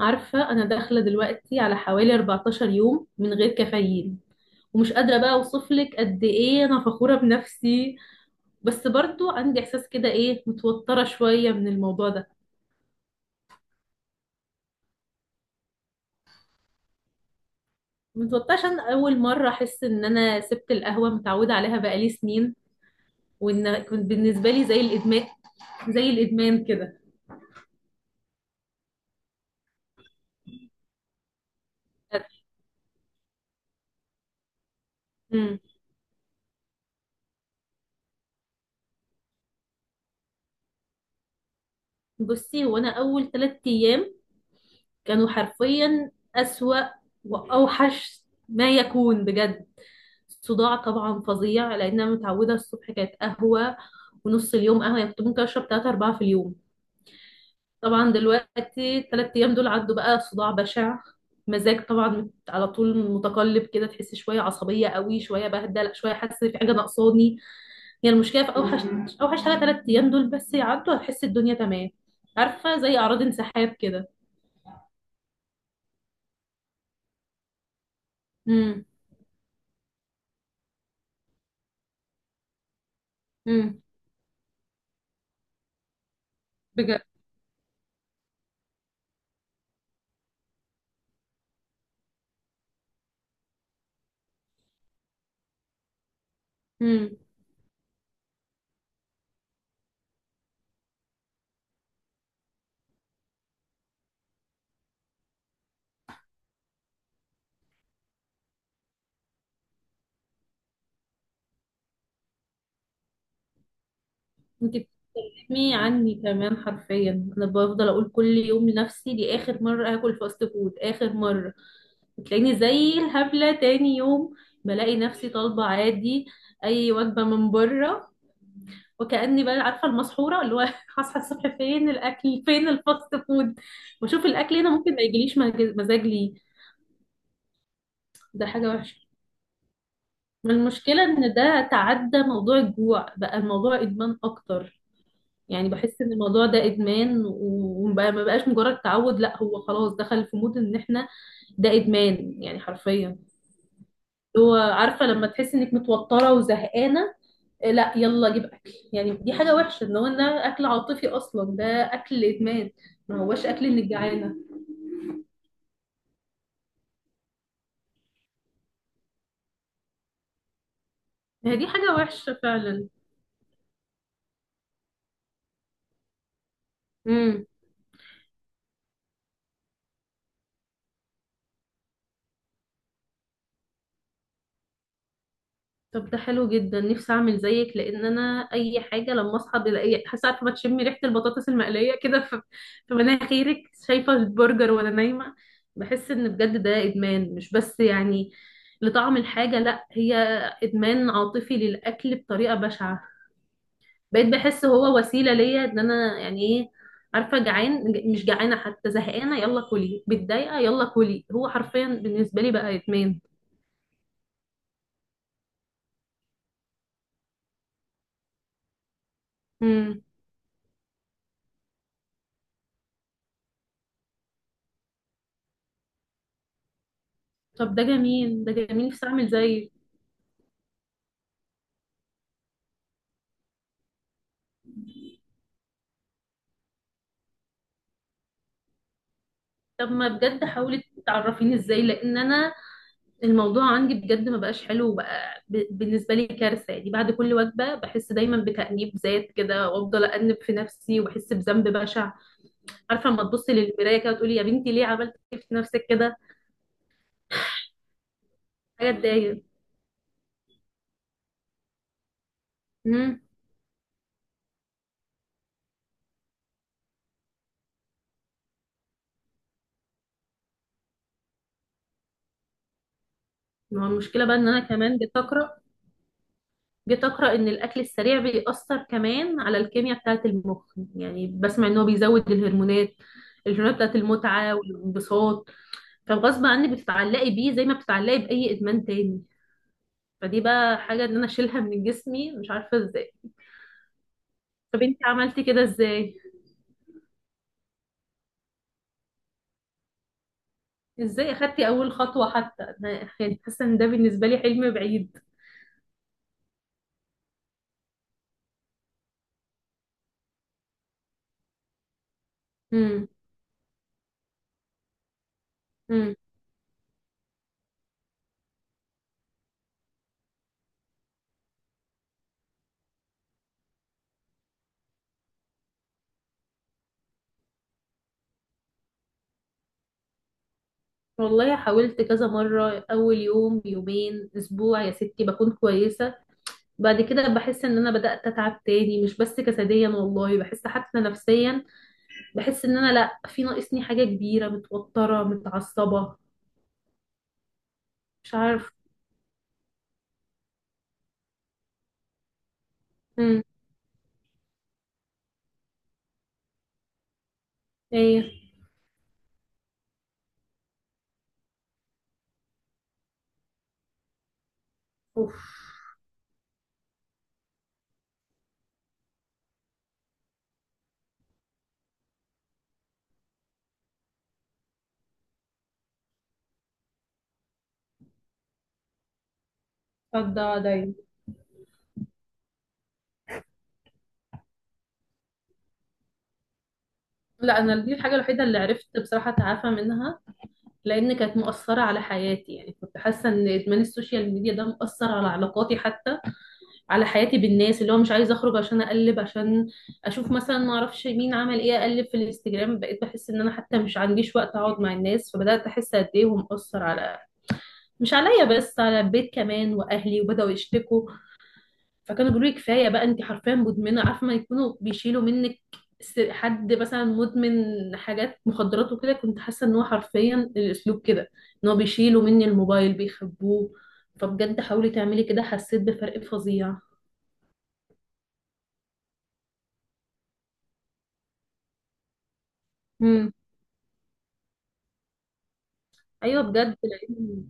عارفة أنا داخلة دلوقتي على حوالي 14 يوم من غير كافيين، ومش قادرة بقى أوصفلك قد إيه أنا فخورة بنفسي. بس برضو عندي إحساس كده إيه، متوترة شوية من الموضوع ده. متوترة عشان أول مرة أحس إن أنا سبت القهوة، متعودة عليها بقالي سنين، وإن كنت بالنسبة لي زي الإدمان. زي الإدمان كده أمم. بصي، هو أنا أول ثلاث أيام كانوا حرفيا أسوأ وأوحش ما يكون بجد. صداع طبعا فظيع، لان انا متعوده الصبح كانت قهوه، ونص اليوم قهوه. يعني كنت ممكن اشرب 3 4 في اليوم. طبعا دلوقتي الثلاث ايام دول عدوا بقى، صداع بشع، مزاج طبعا على طول متقلب كده، تحس شويه عصبيه قوي، شويه بهدل، شويه حاسه في حاجه ناقصاني. يعني المشكله في اوحش حاجه، ثلاث ايام دول بس يعدوا هتحس الدنيا تمام. عارفه زي اعراض انسحاب كده. امم. امم. بجد انت بتتكلمي عني كمان، حرفيا انا بفضل اقول كل يوم لنفسي دي اخر مره هاكل فاست فود، اخر مره. بتلاقيني زي الهبله تاني يوم بلاقي نفسي طالبه عادي اي وجبه من بره، وكاني بقى عارفه المسحوره اللي هو هصحى الصبح فين الاكل، فين الفاست فود. واشوف الاكل هنا ممكن ما يجيليش مزاج ليه. ده حاجه وحشه. ما المشكله ان ده تعدى موضوع الجوع، بقى الموضوع ادمان اكتر. يعني بحس ان الموضوع ده ادمان، وما ما بقاش مجرد تعود، لا هو خلاص دخل في مود ان احنا ده ادمان يعني حرفيا. هو عارفه لما تحس انك متوتره وزهقانه، آه، لا يلا جيب اكل. يعني دي حاجه وحشه ان هو ده اكل عاطفي اصلا ده، اكل ادمان. ما هوش اكل انك جعانه. هي دي حاجه وحشه فعلا. طب ده حلو جدا، نفسي اعمل زيك. لان انا اي حاجه لما اصحى بلاقي حاسه، عارفه بتشمي ريحه البطاطس المقليه كده في في مناخيرك، شايفه البرجر وانا نايمه. بحس ان بجد ده ادمان، مش بس يعني لطعم الحاجه، لا هي ادمان عاطفي للاكل بطريقه بشعه. بقيت بحس هو وسيله ليا ان انا يعني ايه، عارفه جعان مش جعانه حتى، زهقانه يلا كلي، متضايقه يلا كلي. هو حرفيا بالنسبه لي بقى ادمان. امم. طب ده جميل، ده جميل، نفسي اعمل زيك. طب ما بجد حاولي تعرفيني ازاي، لان انا الموضوع عندي بجد ما بقاش حلو، وبقى بالنسبه لي كارثه. يعني بعد كل وجبه بحس دايما بتانيب ذات كده، وافضل انب في نفسي وبحس بذنب بشع. عارفه لما تبصي للمرايه كده وتقولي يا بنتي ليه عملت في نفسك كده؟ حاجه تضايق. امم. ما هو المشكله بقى ان انا كمان جيت اقرا ان الاكل السريع بيأثر كمان على الكيمياء بتاعه المخ. يعني بسمع ان هو بيزود الهرمونات، الهرمونات بتاعه المتعه والانبساط، فغصب عني بتتعلقي بيه زي ما بتتعلقي بأي إدمان تاني. فدي بقى حاجة إن أنا أشيلها من جسمي مش عارفة إزاي. طب أنت عملتي كده إزاي؟ إزاي أخدتي أول خطوة حتى؟ أنا يعني حاسة إن ده بالنسبة لي حلم بعيد. امم. امم. والله حاولت كذا مرة، أول يوم يومين أسبوع يا ستي بكون كويسة، بعد كده بحس إن أنا بدأت أتعب تاني، مش بس جسديا، والله بحس حتى نفسيا. بحس إن أنا لأ، في ناقصني حاجة كبيرة، متوترة متعصبة، مش عارفة. امم. ايه. اوف. طب ده دايما؟ لا انا دي الحاجه الوحيده اللي عرفت بصراحه اتعافى منها. لان كانت مؤثره على حياتي، يعني كنت حاسه ان ادمان السوشيال ميديا ده مؤثر على علاقاتي حتى، على حياتي بالناس، اللي هو مش عايزه اخرج عشان اقلب، عشان اشوف مثلا ما اعرفش مين عمل ايه، اقلب في الانستجرام. بقيت بحس ان انا حتى مش عنديش وقت اقعد مع الناس، فبدات احس قد ايه هو مؤثر، على مش عليا بس، على البيت كمان واهلي، وبداوا يشتكوا. فكانوا بيقولوا لي كفايه بقى، انت حرفيا مدمنه، عارفه ما يكونوا بيشيلوا منك، حد مثلا مدمن حاجات مخدرات وكده، كنت حاسه ان هو حرفيا الاسلوب كده، ان هو بيشيلوا مني الموبايل بيخبوه. فبجد حاولي تعملي كده، حسيت بفرق فظيع. امم. ايوه بجد، لان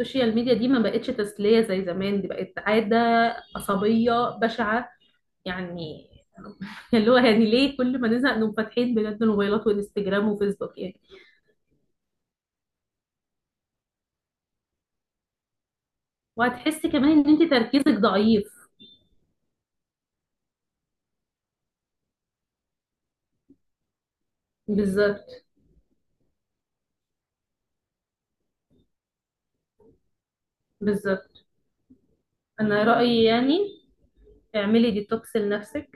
السوشيال ميديا دي ما بقتش تسليه زي زمان، دي بقت عاده عصبيه بشعه يعني. اللي هو يعني ليه كل ما نزهق نقوم فاتحين بجد الموبايلات وانستجرام وفيسبوك يعني. وهتحسي كمان ان انت تركيزك ضعيف. بالظبط. بالظبط. انا رأيي يعني اعملي ديتوكس لنفسك.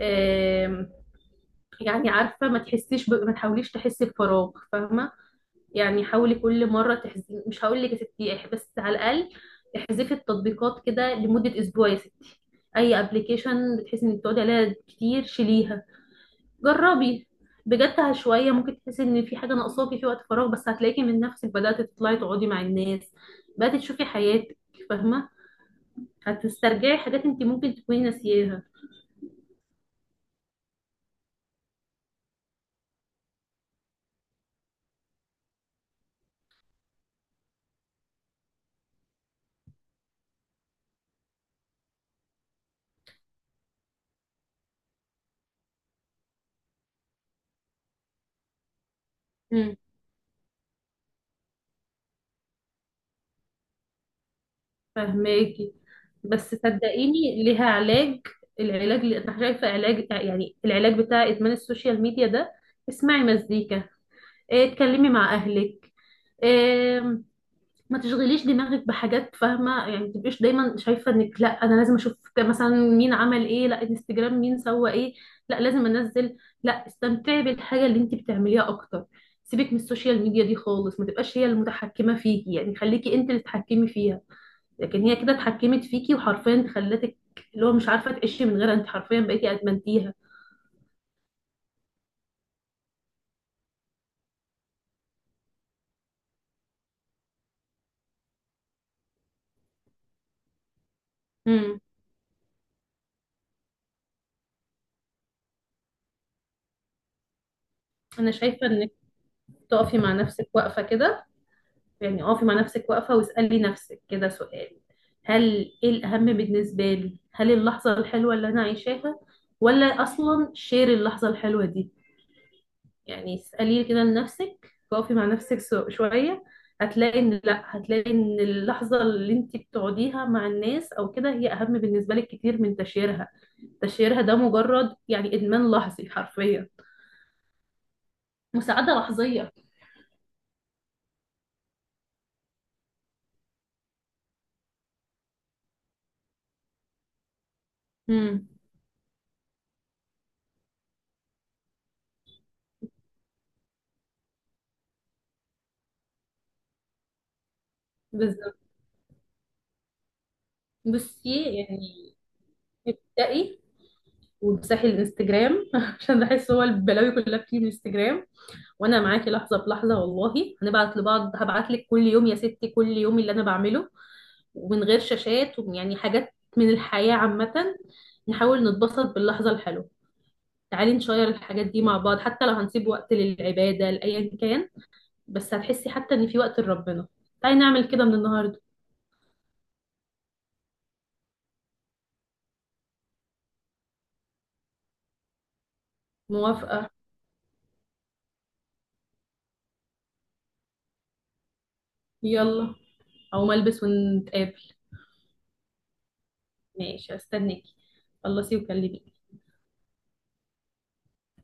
آم، يعني عارفة ما تحسيش ما تحاوليش تحسي بفراغ، فاهمة؟ يعني حاولي كل مرة تحزي، مش هقول لك يا ستي بس على الأقل احذفي التطبيقات كده لمدة اسبوع يا ستي. اي ابلكيشن بتحسي انك بتقعدي عليها كتير شيليها. جربي بجد، شويه ممكن تحسي ان في حاجه ناقصاكي في وقت فراغ، بس هتلاقيكي من نفسك بدات تطلعي تقعدي مع الناس، بدات تشوفي حياتك، فاهمه؟ هتسترجعي حاجات انت ممكن تكوني ناسياها. مم. فاهماكي. بس صدقيني ليها علاج. العلاج اللي انا شايفه علاج يعني، العلاج بتاع ادمان السوشيال ميديا ده، اسمعي مزيكا، إيه اتكلمي مع اهلك، ما تشغليش دماغك بحاجات، فاهمه يعني؟ ما تبقيش دايما شايفه انك لا انا لازم اشوف مثلا مين عمل ايه، لا انستجرام مين سوى ايه، لا لازم انزل. لا، استمتعي بالحاجه اللي انت بتعمليها اكتر. سيبك من السوشيال ميديا دي خالص، ما تبقاش هي المتحكمه فيكي، يعني خليكي انت اللي تتحكمي فيها. لكن هي كده اتحكمت فيكي وحرفيا خلتك اللي هو مش عارفه تعيشي من غيرها، انت حرفيا بقيتي ادمنتيها. امم. انا شايفه انك تقفي مع نفسك واقفه كده. يعني اقفي مع نفسك واقفة واسألي نفسك كده سؤال، هل ايه الأهم بالنسبة لي، هل اللحظة الحلوة اللي أنا عايشاها، ولا أصلا شير اللحظة الحلوة دي؟ يعني اسألي كده لنفسك، واقفي مع نفسك شوية. هتلاقي ان لا، هتلاقي ان اللحظة اللي انت بتقعديها مع الناس او كده هي اهم بالنسبة لك كتير من تشيرها. تشيرها ده مجرد يعني ادمان لحظي حرفيا، مساعدة لحظية. امم. بالظبط. بصي يعني ابدأي وامسحي الانستجرام عشان بحس هو البلاوي كلها بتيجي من الانستجرام. وانا معاكي لحظه بلحظه والله، هنبعت لبعض، هبعت لك كل يوم يا ستي كل يوم اللي انا بعمله، ومن غير شاشات، ويعني حاجات من الحياه عامه. نحاول نتبسط باللحظه الحلوه، تعالي نشير الحاجات دي مع بعض، حتى لو هنسيب وقت للعباده لايا كان، بس هتحسي حتى ان في وقت لربنا. تعالي نعمل كده من النهارده. موافقه. يلا، او ملبس ونتقابل. ماشي استنيكي، خلصي وكلميني.